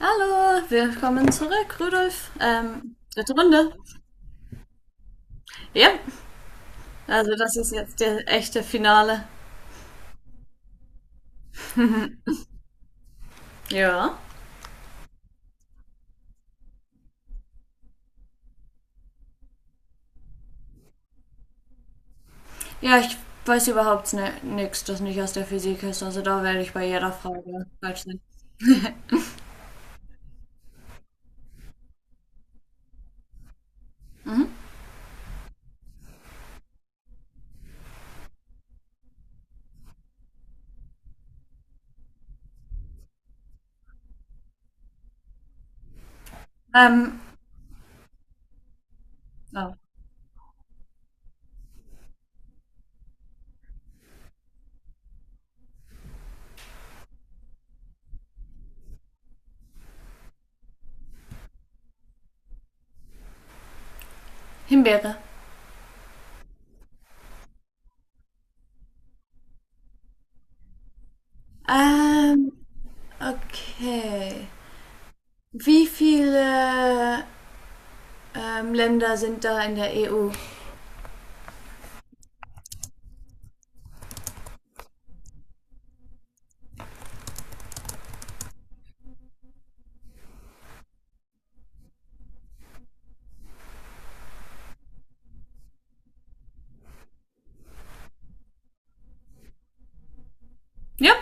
Hallo, willkommen zurück, Rudolf. Dritte Runde. Ja, also das ist jetzt der echte Finale. Ja. Ja, ich weiß überhaupt nichts, das nicht aus der Physik ist. Also da werde ich bei jeder Frage falsch sein. Ähm, oh, Himbeere. Ähm, okay. Wie viele Länder sind da in der EU? Ja.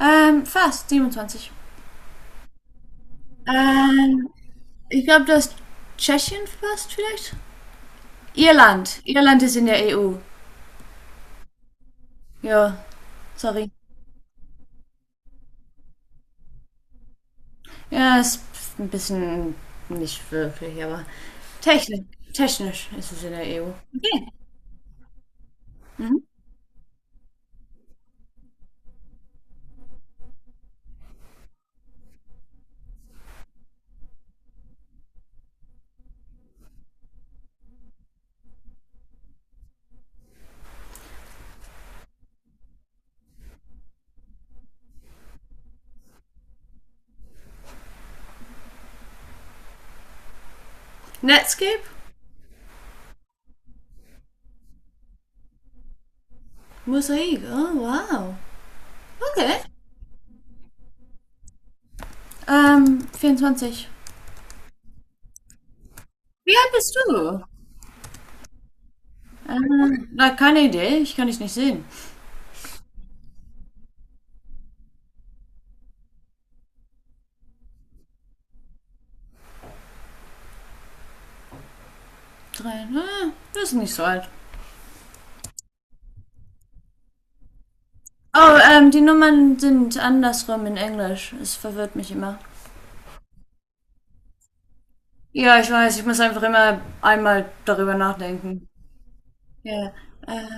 Fast 27. Ähm, Ich glaube, das Tschechien fast vielleicht. Irland. Irland ist in der EU. Ja, sorry. Ja, ist ein bisschen nicht wirklich, aber technisch, technisch ist es in der EU. Okay. Netscape? Mosaik. Oh, wow. Okay. 24. Wie alt bist du? Na, keine Idee. Ich kann dich nicht sehen. Drei. Na, das ist nicht so alt. Oh, die Nummern sind andersrum in Englisch. Es verwirrt mich immer. Ja, ich weiß. Ich muss einfach immer einmal darüber nachdenken. Ja, äh,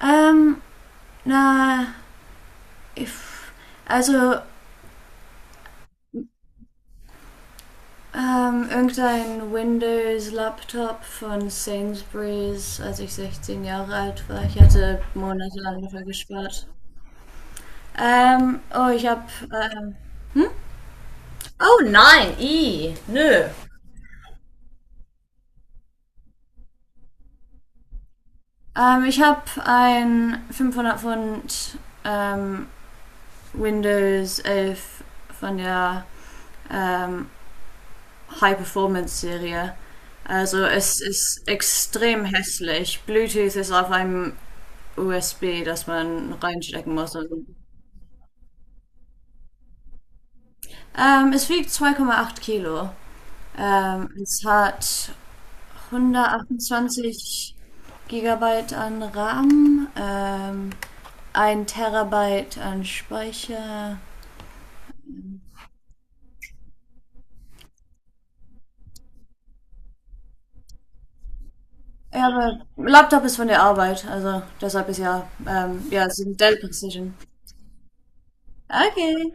ähm, na, ich, also, irgendein Windows-Laptop von Sainsbury's, als ich 16 Jahre alt war. Ich hatte monatelang dafür gespart. Ähm, oh, ich hab, ähm, Oh nein, nö. Ich hab ein 500 Pfund, ähm, Windows 11 von der, ähm, High-Performance-Serie. Also es ist extrem hässlich. Bluetooth ist auf einem USB, das man reinstecken muss. Es wiegt 2,8 Kilo. Es hat 128 Gigabyte an RAM, 1 Terabyte an Speicher. Ja, der Laptop ist von der Arbeit, also deshalb ja, es ist ein Dell Precision. Okay.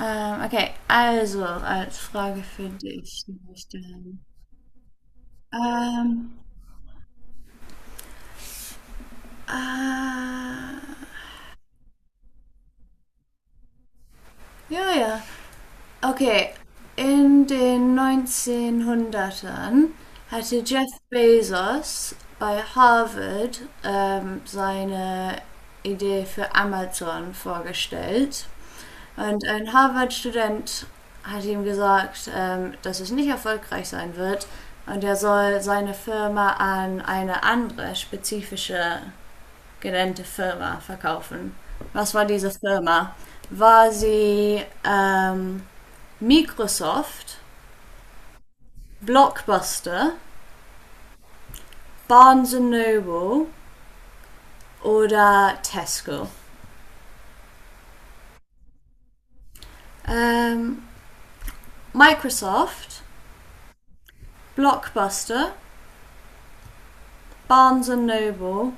Okay, also als Frage finde ich mich dann. Ähm, äh, ja, ja. Okay, in den 1900ern hatte Jeff Bezos bei Harvard seine Idee für Amazon vorgestellt. Und ein Harvard-Student hat ihm gesagt, dass es nicht erfolgreich sein wird und er soll seine Firma an eine andere spezifische genannte Firma verkaufen. Was war diese Firma? War sie Microsoft, Blockbuster, Barnes and Noble oder Tesco? Ähm, Microsoft, Blockbuster, Barnes and Noble,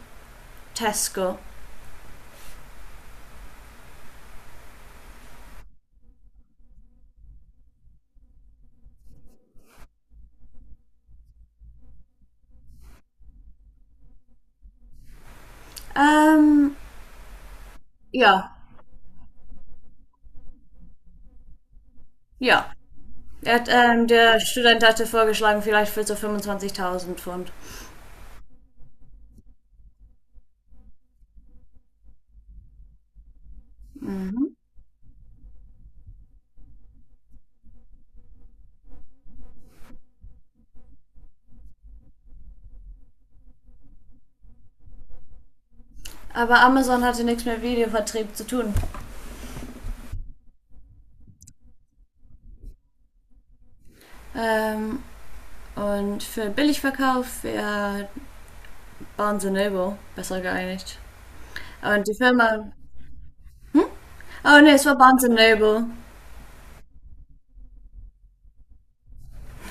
Tesco. Ähm, Ja, ja. Er hat, der Student hatte vorgeschlagen, vielleicht für so 25.000 Pfund. Aber Amazon hatte nichts mit Videovertrieb zu tun. Ähm, und für Billigverkauf wäre Barnes and Noble besser geeinigt. Und die Firma. Oh ne, es war Barnes and Noble.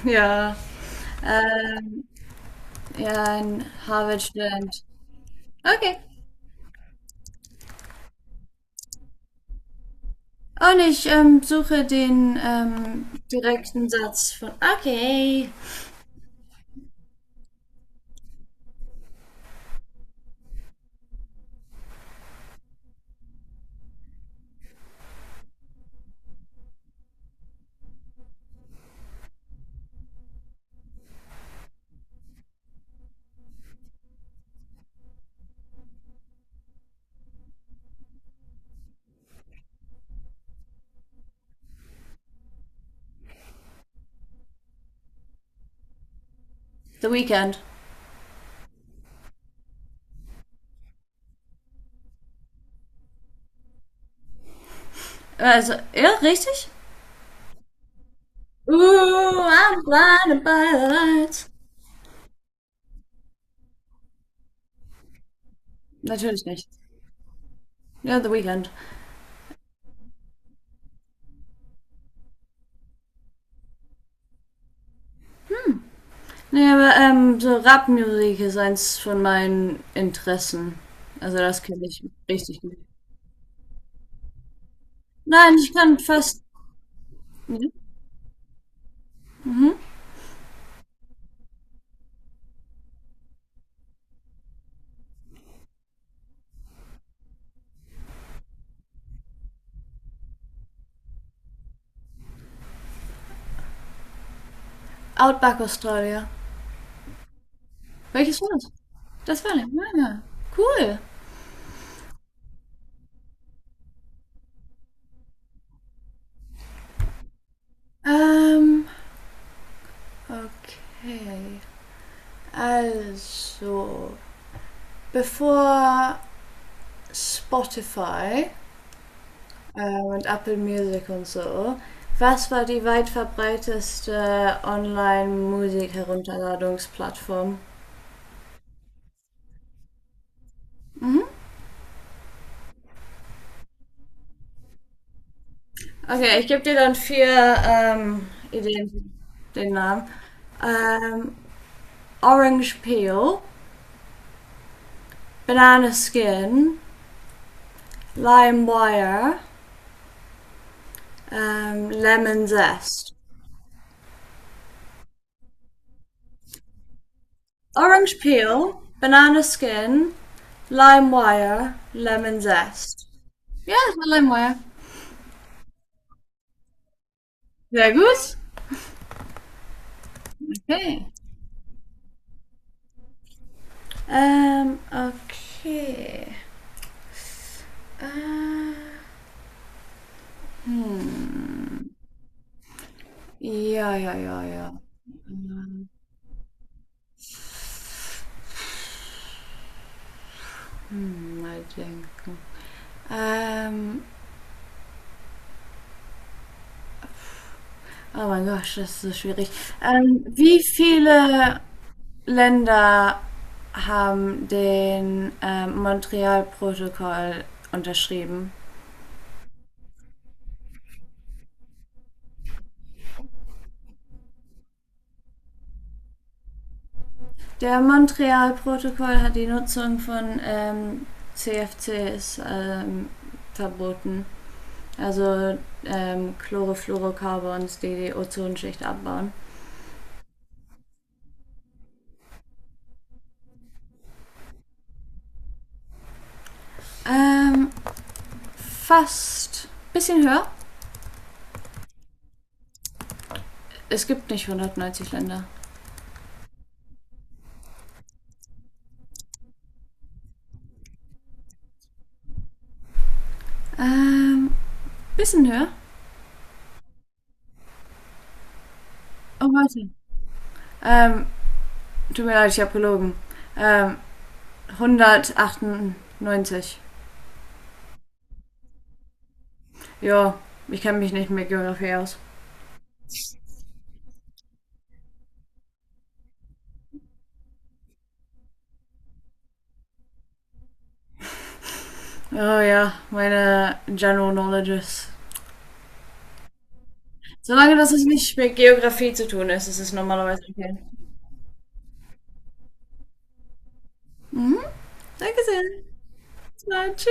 Ja. Ähm, ja, ein Harvard-Student. Okay. Und ich suche den direkten Satz von. Okay. The Weekend. Also, ja, richtig? Ooh, I'm blinded by lights. Natürlich nicht. Ja, The Weeknd. Nee, aber so Rap-Musik ist eins von meinen Interessen. Also das kenne ich richtig gut. Nein, ich kann fast nee. Outback Australia. Welches war das? Das war nicht. Ja, ja. Cool. Ähm, okay. Also, bevor Spotify und Apple Music und so. Was war die weit verbreiteste Online-Musik-Herunterladungsplattform? Okay, ich gebe dir dann vier Ideen, den Namen. Ähm, Orange Peel, Banana Skin, LimeWire, Lemon Zest. Orange Peel, Banana Skin, LimeWire, Lemon Zest. Ja, das war LimeWire. Sehr gut. Okay. Okay. Ah, hm. Ja, ja, ja, ja. Ähm, mal denken. Ähm, oh mein Gott, das ist so schwierig. Wie viele Länder haben den Montreal-Protokoll unterschrieben? Der Montreal-Protokoll hat die Nutzung von CFCs verboten. Also Chlorofluorocarbons, die die Ozonschicht abbauen. Ähm, fast. Bisschen höher. Es gibt nicht 190 Länder. Ähm, bisschen höher. Oh, warte. Ähm, Tut mir leid, ich habe gelogen. Ähm, 198. Ja, ich kenne mich nicht mit Geografie aus. Oh ja, meine General Knowledges. Solange das nicht mit Geografie zu tun ist, ist es normalerweise okay. Danke sehr. Tschüss.